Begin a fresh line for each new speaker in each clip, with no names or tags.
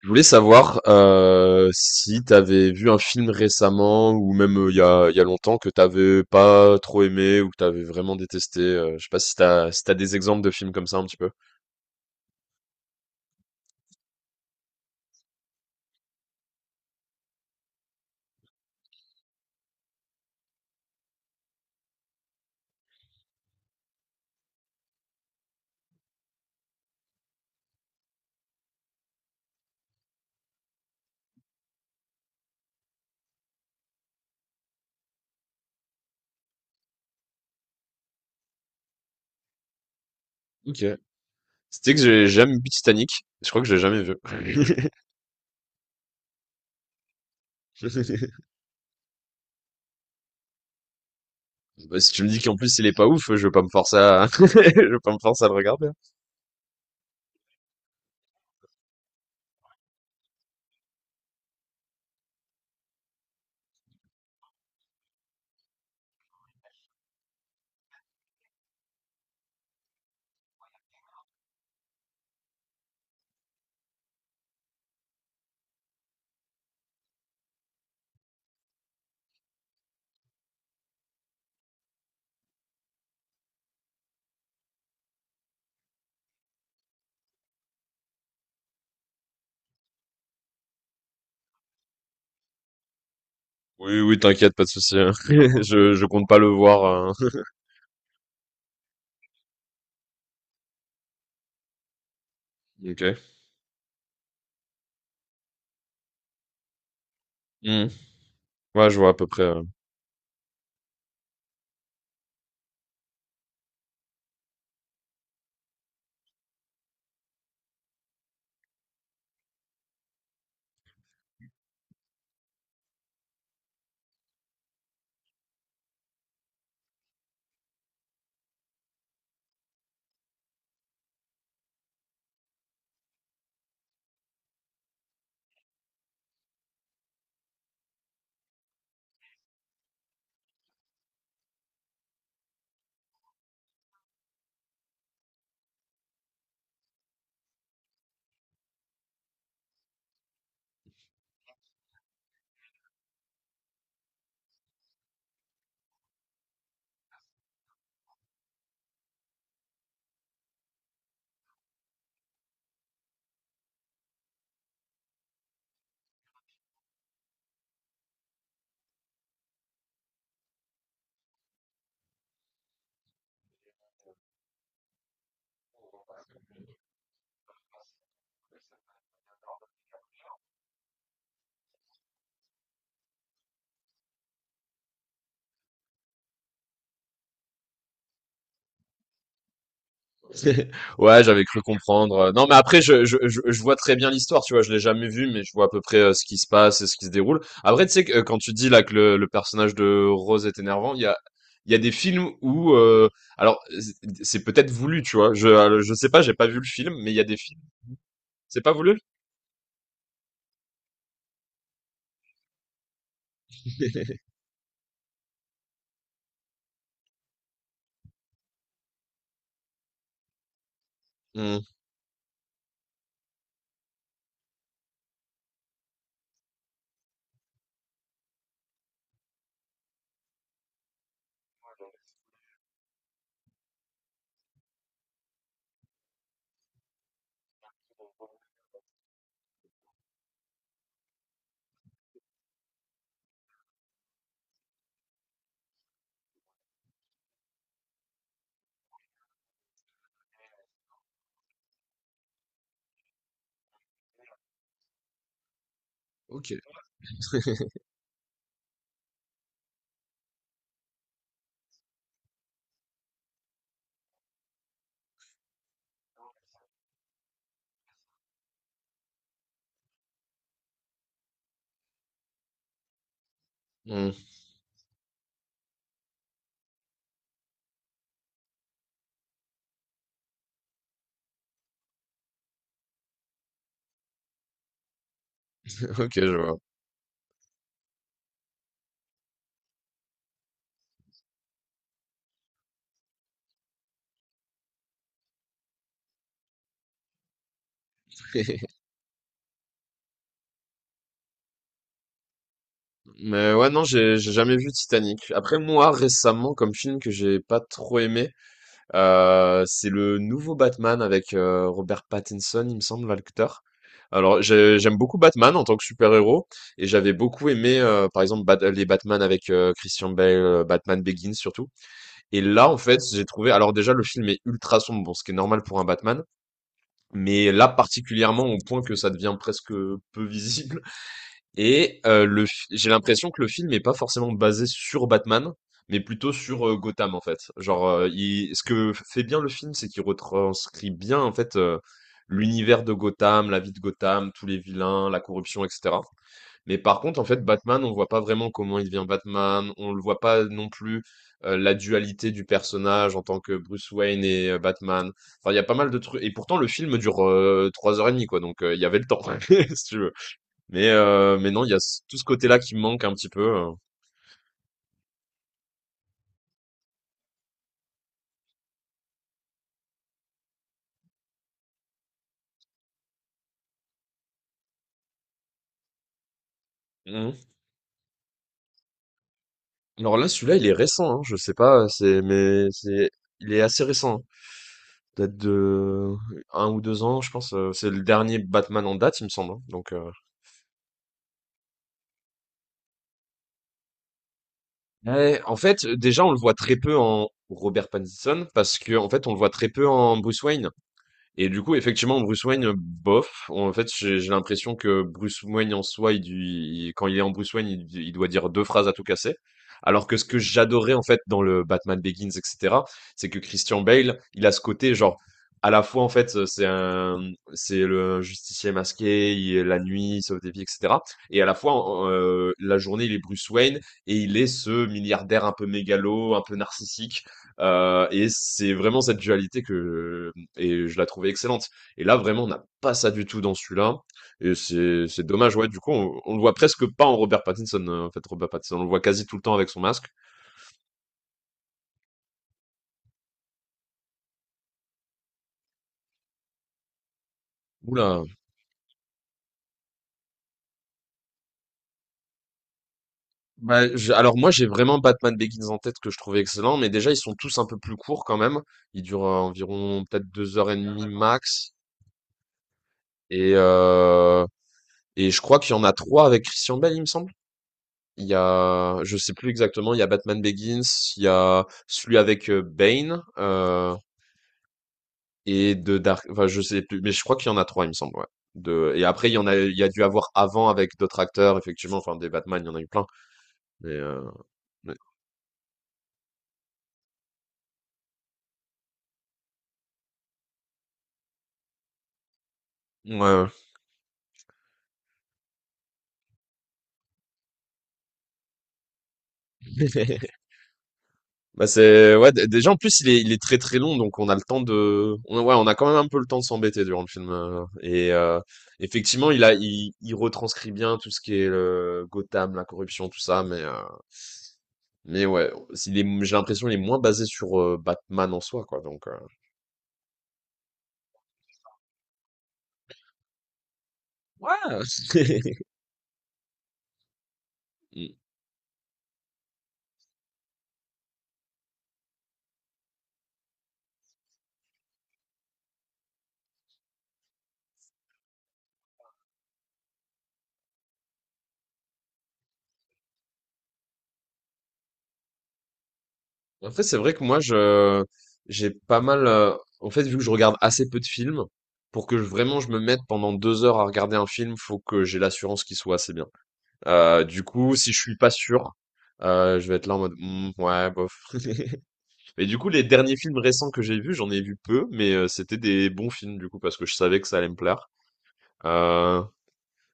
Je voulais savoir si tu avais vu un film récemment ou même il y a longtemps que t'avais pas trop aimé ou que t'avais vraiment détesté. Je sais pas si t'as des exemples de films comme ça un petit peu. Ok. C'était que j'ai jamais vu Titanic. Je crois que j'ai jamais vu. Bah, si tu me dis qu'en plus il est pas ouf, je vais pas me forcer à je vais pas me forcer à le regarder. Hein. Oui, oui, t'inquiète, pas de souci. Hein. Je compte pas le voir. Hein. Ok. Hmm. Ouais, je vois à peu près. Ouais, j'avais cru comprendre. Non, mais après, je vois très bien l'histoire, tu vois. Je l'ai jamais vu, mais je vois à peu près ce qui se passe et ce qui se déroule. Après, tu sais, que, quand tu dis là que le personnage de Rose est énervant, il y a des films où, alors, c'est peut-être voulu, tu vois. Je sais pas, j'ai pas vu le film, mais il y a des films. C'est pas voulu? Hmm. Ok. Hmm. Ok, je vois. Mais ouais, non, j'ai jamais vu Titanic. Après, moi, récemment, comme film que j'ai pas trop aimé, c'est le nouveau Batman avec, Robert Pattinson, il me semble, l'acteur. Alors j'aime beaucoup Batman en tant que super-héros, et j'avais beaucoup aimé, par exemple, Bat les Batman avec, Christian Bale, Batman Begins surtout. Et là, en fait, j'ai trouvé, alors déjà le film est ultra sombre, bon, ce qui est normal pour un Batman, mais là particulièrement au point que ça devient presque peu visible. Et le f j'ai l'impression que le film est pas forcément basé sur Batman, mais plutôt sur, Gotham, en fait. Genre, il ce que fait bien le film, c'est qu'il retranscrit bien, en fait, l'univers de Gotham, la vie de Gotham, tous les vilains, la corruption, et cetera. Mais par contre, en fait, Batman, on voit pas vraiment comment il devient Batman, on le voit pas non plus, la dualité du personnage en tant que Bruce Wayne et Batman. Enfin, il y a pas mal de trucs. Et pourtant le film dure, 3 heures et demie, quoi, donc il y avait le temps, si tu veux. Mais non, il y a ce tout ce côté-là qui me manque un petit peu. Mmh. Alors là, celui-là, il est récent, hein. Je sais pas, c'est mais c'est il est assez récent, hein. Date de 1 ou 2 ans, je pense, c'est le dernier Batman en date, il me semble, hein, donc, ouais, en fait, déjà, on le voit très peu en Robert Pattinson parce que en fait, on le voit très peu en Bruce Wayne. Et du coup, effectivement, Bruce Wayne, bof. En fait, j'ai l'impression que Bruce Wayne en soi, quand il est en Bruce Wayne, il doit dire deux phrases à tout casser. Alors que ce que j'adorais en fait dans le Batman Begins, etc., c'est que Christian Bale, il a ce côté genre à la fois en fait c'est le justicier masqué, il est la nuit, il sauve des vies, etc. Et à la fois la journée, il est Bruce Wayne et il est ce milliardaire un peu mégalo, un peu narcissique. Et c'est vraiment cette dualité que et je la trouvais excellente. Et là, vraiment, on n'a pas ça du tout dans celui-là. Et c'est dommage, ouais. Du coup, on le voit presque pas en Robert Pattinson. En fait, Robert Pattinson, on le voit quasi tout le temps avec son masque. Oula. Bah, alors moi, j'ai vraiment Batman Begins en tête que je trouvais excellent, mais déjà, ils sont tous un peu plus courts quand même. Ils durent environ peut-être 2 heures et demie max. Et euh, et je crois qu'il y en a trois avec Christian Bale, il me semble. Il y a, je sais plus exactement, il y a Batman Begins, il y a celui avec Bane, et de Dark, enfin je sais plus, mais je crois qu'il y en a trois, il me semble, ouais. Et après il y a dû avoir avant avec d'autres acteurs, effectivement, enfin des Batman, il y en a eu plein. Mais, mais- ouais. Ouais. Bah c'est ouais, déjà en plus il est très très long, donc on a le temps de, ouais, on a quand même un peu le temps de s'embêter durant le film. Effectivement, il retranscrit bien tout ce qui est le Gotham, la corruption, tout ça, mais ouais, j'ai l'impression il est moins basé sur Batman en soi, quoi. Donc ouais. En fait, c'est vrai que moi, j'ai pas mal. En fait, vu que je regarde assez peu de films, pour que vraiment je me mette pendant 2 heures à regarder un film, faut que j'ai l'assurance qu'il soit assez bien. Du coup, si je suis pas sûr, je vais être là en mode Hmm, ouais, bof. Mais du coup, les derniers films récents que j'ai vus, j'en ai vu peu, mais c'était des bons films du coup parce que je savais que ça allait me plaire. Euh,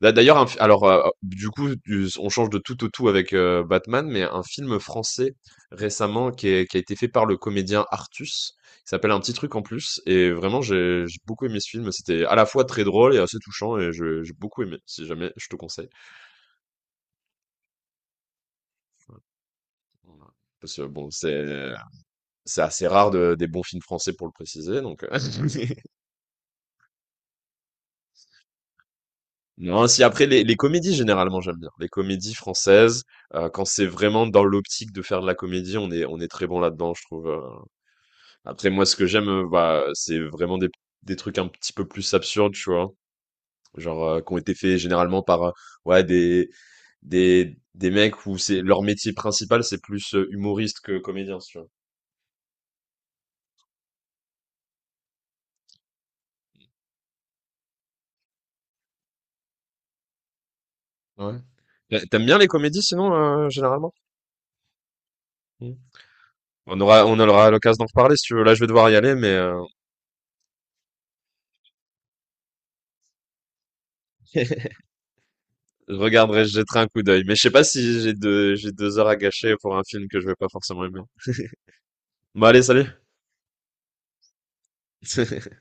D'ailleurs, un du coup, du on change de tout au tout avec, Batman, mais un film français récemment qui est qui a été fait par le comédien Artus. Il s'appelle Un petit truc en plus et vraiment j'ai beaucoup aimé ce film. C'était à la fois très drôle et assez touchant et je j'ai beaucoup aimé, si jamais, je te conseille. Voilà. Parce que bon, c'est assez rare de des bons films français pour le préciser donc, non, si après les comédies généralement j'aime bien. Les comédies françaises, quand c'est vraiment dans l'optique de faire de la comédie, on est très bon là-dedans je trouve, Après, moi, ce que j'aime, bah, c'est vraiment des trucs un petit peu plus absurdes, tu vois. Genre, qui ont été faits généralement par, ouais, des mecs où c'est, leur métier principal, c'est plus humoriste que comédien, si tu vois. Ouais. T'aimes bien les comédies, sinon, généralement? Mm. On aura l'occasion d'en reparler, si tu veux. Là, je vais devoir y aller, mais, je regarderai, je jetterai un coup d'œil. Mais je sais pas si j'ai 2 heures à gâcher pour un film que je vais pas forcément aimer. Bon, allez, salut!